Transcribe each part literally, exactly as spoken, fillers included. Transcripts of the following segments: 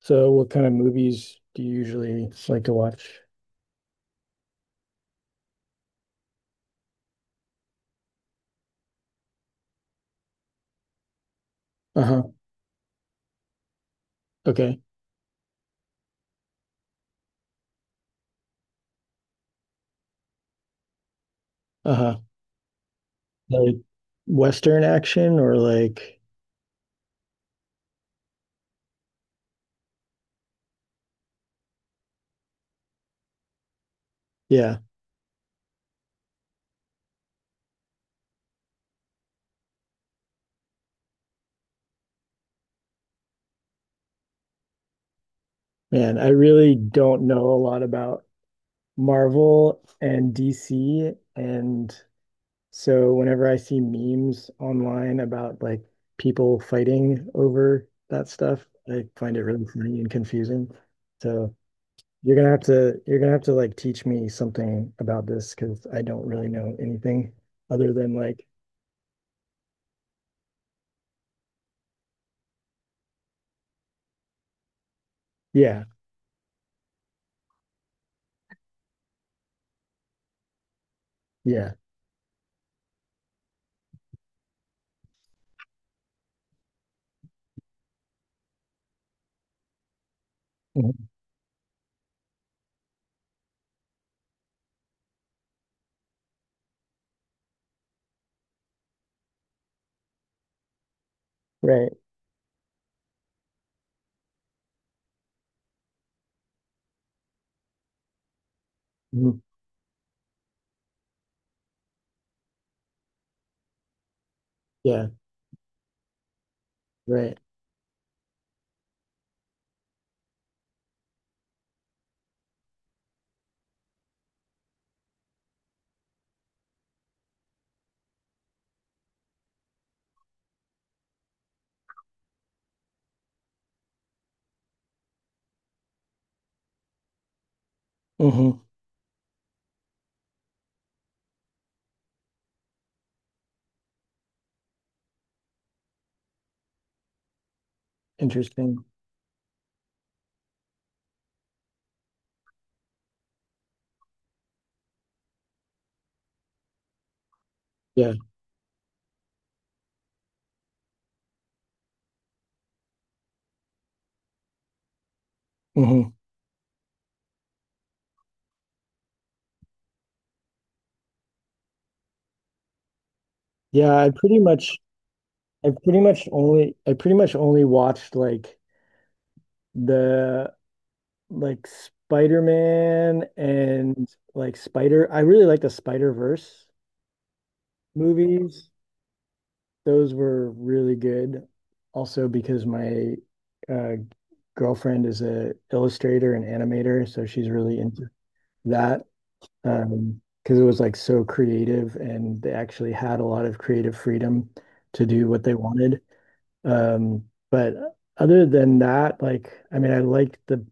So what kind of movies do you usually like to watch? Uh-huh. Okay. Uh-huh. Like Western action or like yeah, man, I really don't know a lot about Marvel and D C, and so whenever I see memes online about like people fighting over that stuff, I find it really funny and confusing. So you're gonna have to you're gonna have to like teach me something about this because I don't really know anything other than like yeah, yeah, mhm, right, mhm, yeah, right, hmm, interesting, yeah, hmm, yeah, I pretty much I pretty much only I pretty much only watched like the like Spider-Man and like Spider I really like the Spider-Verse movies. Those were really good, also because my uh girlfriend is a illustrator and animator, so she's really into that. Um, because it was like so creative and they actually had a lot of creative freedom to do what they wanted. Um, but other than that, like, I mean, I liked the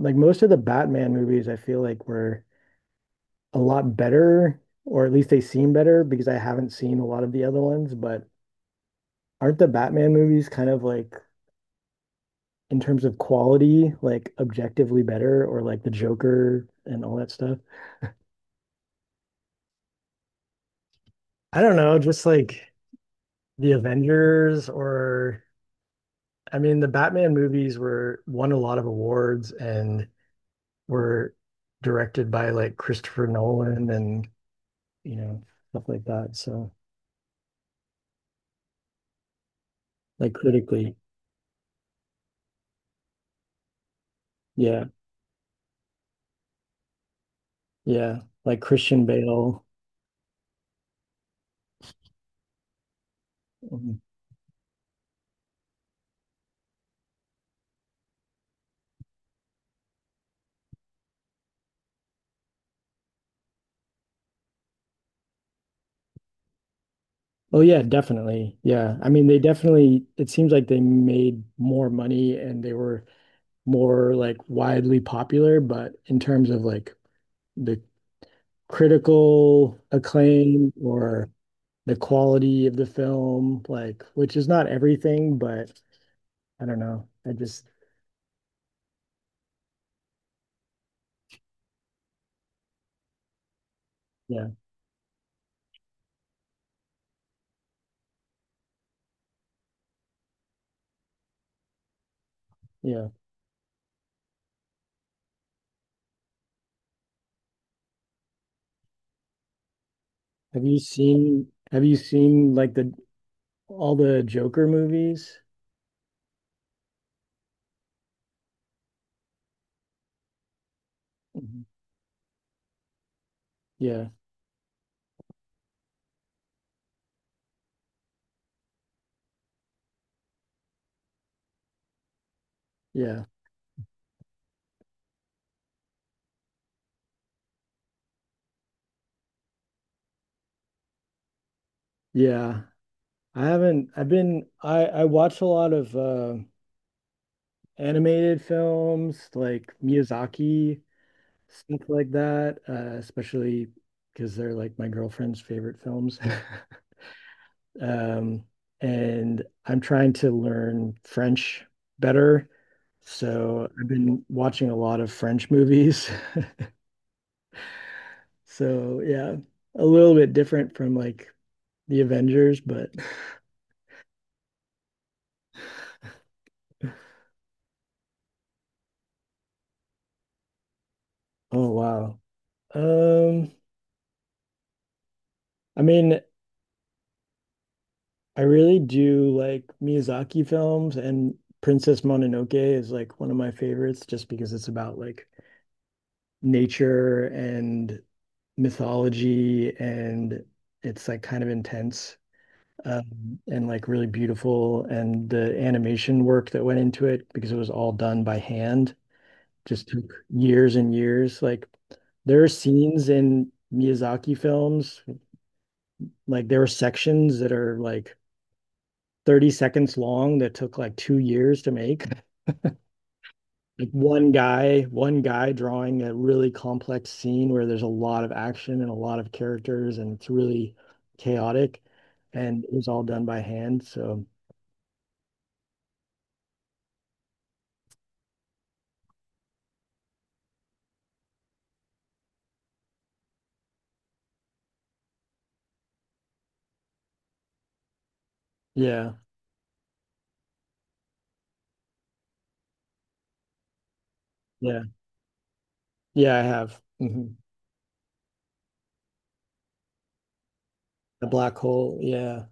like most of the Batman movies, I feel like were a lot better, or at least they seem better because I haven't seen a lot of the other ones. But aren't the Batman movies kind of like in terms of quality, like objectively better, or like the Joker and all that stuff? I don't know, just like the Avengers, or I mean the Batman movies were won a lot of awards and were directed by like Christopher Nolan and you know stuff like that. So like critically, yeah, yeah, like Christian Bale. Um, Oh yeah, definitely. Yeah. I mean, they definitely it seems like they made more money and they were more like widely popular, but in terms of like the critical acclaim or the quality of the film, like which is not everything, but I don't know. I just yeah, yeah. Have you seen have you seen like the all the Joker movies? Mhm. Yeah, yeah, yeah. I haven't I've been I I watch a lot of uh animated films like Miyazaki, stuff like that, uh, especially because they're like my girlfriend's favorite films. um, and I'm trying to learn French better. So I've been watching a lot of French movies. So yeah, a little bit different from like the Avengers, but oh wow. Um, I mean, I really do like Miyazaki films, and Princess Mononoke is like one of my favorites just because it's about like nature and mythology, and it's like kind of intense, um, and like really beautiful, and the animation work that went into it because it was all done by hand just took years and years. Like there are scenes in Miyazaki films, like there are sections that are like thirty seconds long that took like two years to make, like one guy, one guy drawing a really complex scene where there's a lot of action and a lot of characters and it's really chaotic, and it was all done by hand. So yeah, yeah, yeah, I have. Mhm. The black hole. Yeah.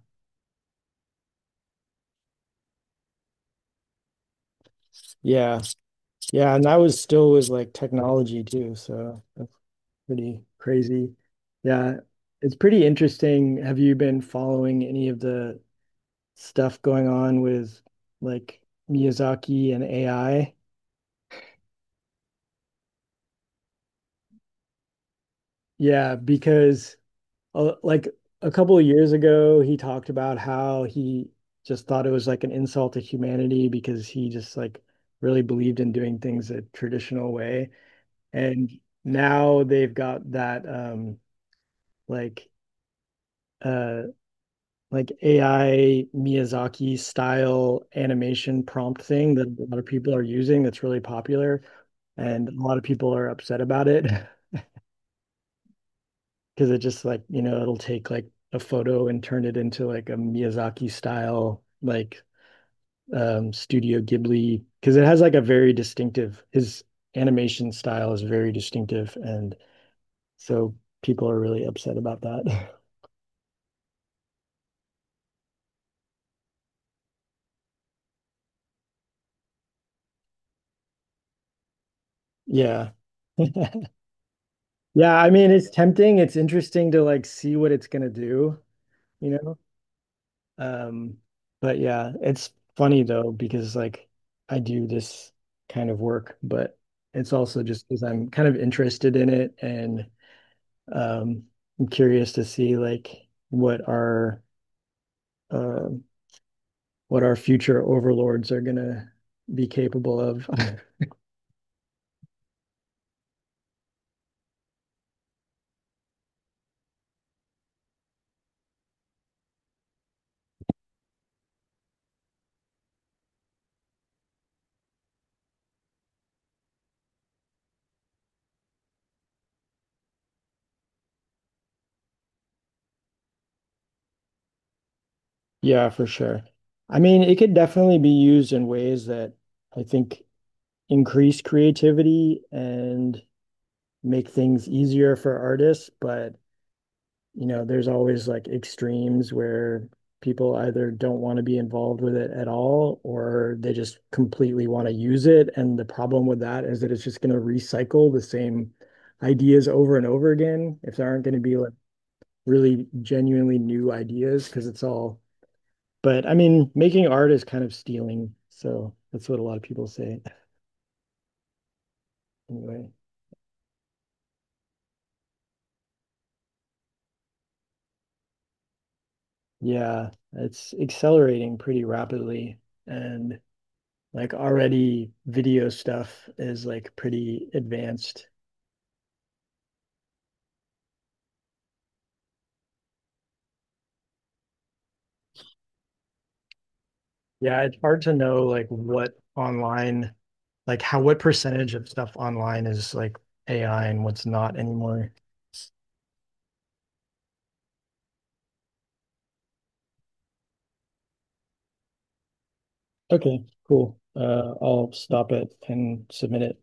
Yeah. Yeah. And that was still was like technology too. So that's pretty crazy. Yeah. It's pretty interesting. Have you been following any of the stuff going on with like Miyazaki and A I? Yeah, because uh, like a couple of years ago, he talked about how he just thought it was like an insult to humanity because he just like really believed in doing things a traditional way. And now they've got that um like uh like A I Miyazaki style animation prompt thing that a lot of people are using that's really popular, and a lot of people are upset about it. Because it just like you know it'll take like a photo and turn it into like a Miyazaki style, like um Studio Ghibli, because it has like a very distinctive, his animation style is very distinctive, and so people are really upset about that. Yeah. Yeah, I mean it's tempting, it's interesting to like see what it's gonna do, you know? Um, but yeah, it's funny though because like I do this kind of work, but it's also just because I'm kind of interested in it, and um, I'm curious to see like what our uh, what our future overlords are gonna be capable of. Yeah, for sure. I mean, it could definitely be used in ways that I think increase creativity and make things easier for artists, but you know, there's always like extremes where people either don't want to be involved with it at all or they just completely want to use it. And the problem with that is that it's just going to recycle the same ideas over and over again if there aren't going to be like really genuinely new ideas because it's all. But I mean, making art is kind of stealing. So that's what a lot of people say anyway. Yeah, it's accelerating pretty rapidly. And like already video stuff is like pretty advanced. Yeah, it's hard to know like what online, like how what percentage of stuff online is like A I and what's not anymore. Okay, cool. Uh, I'll stop it and submit it.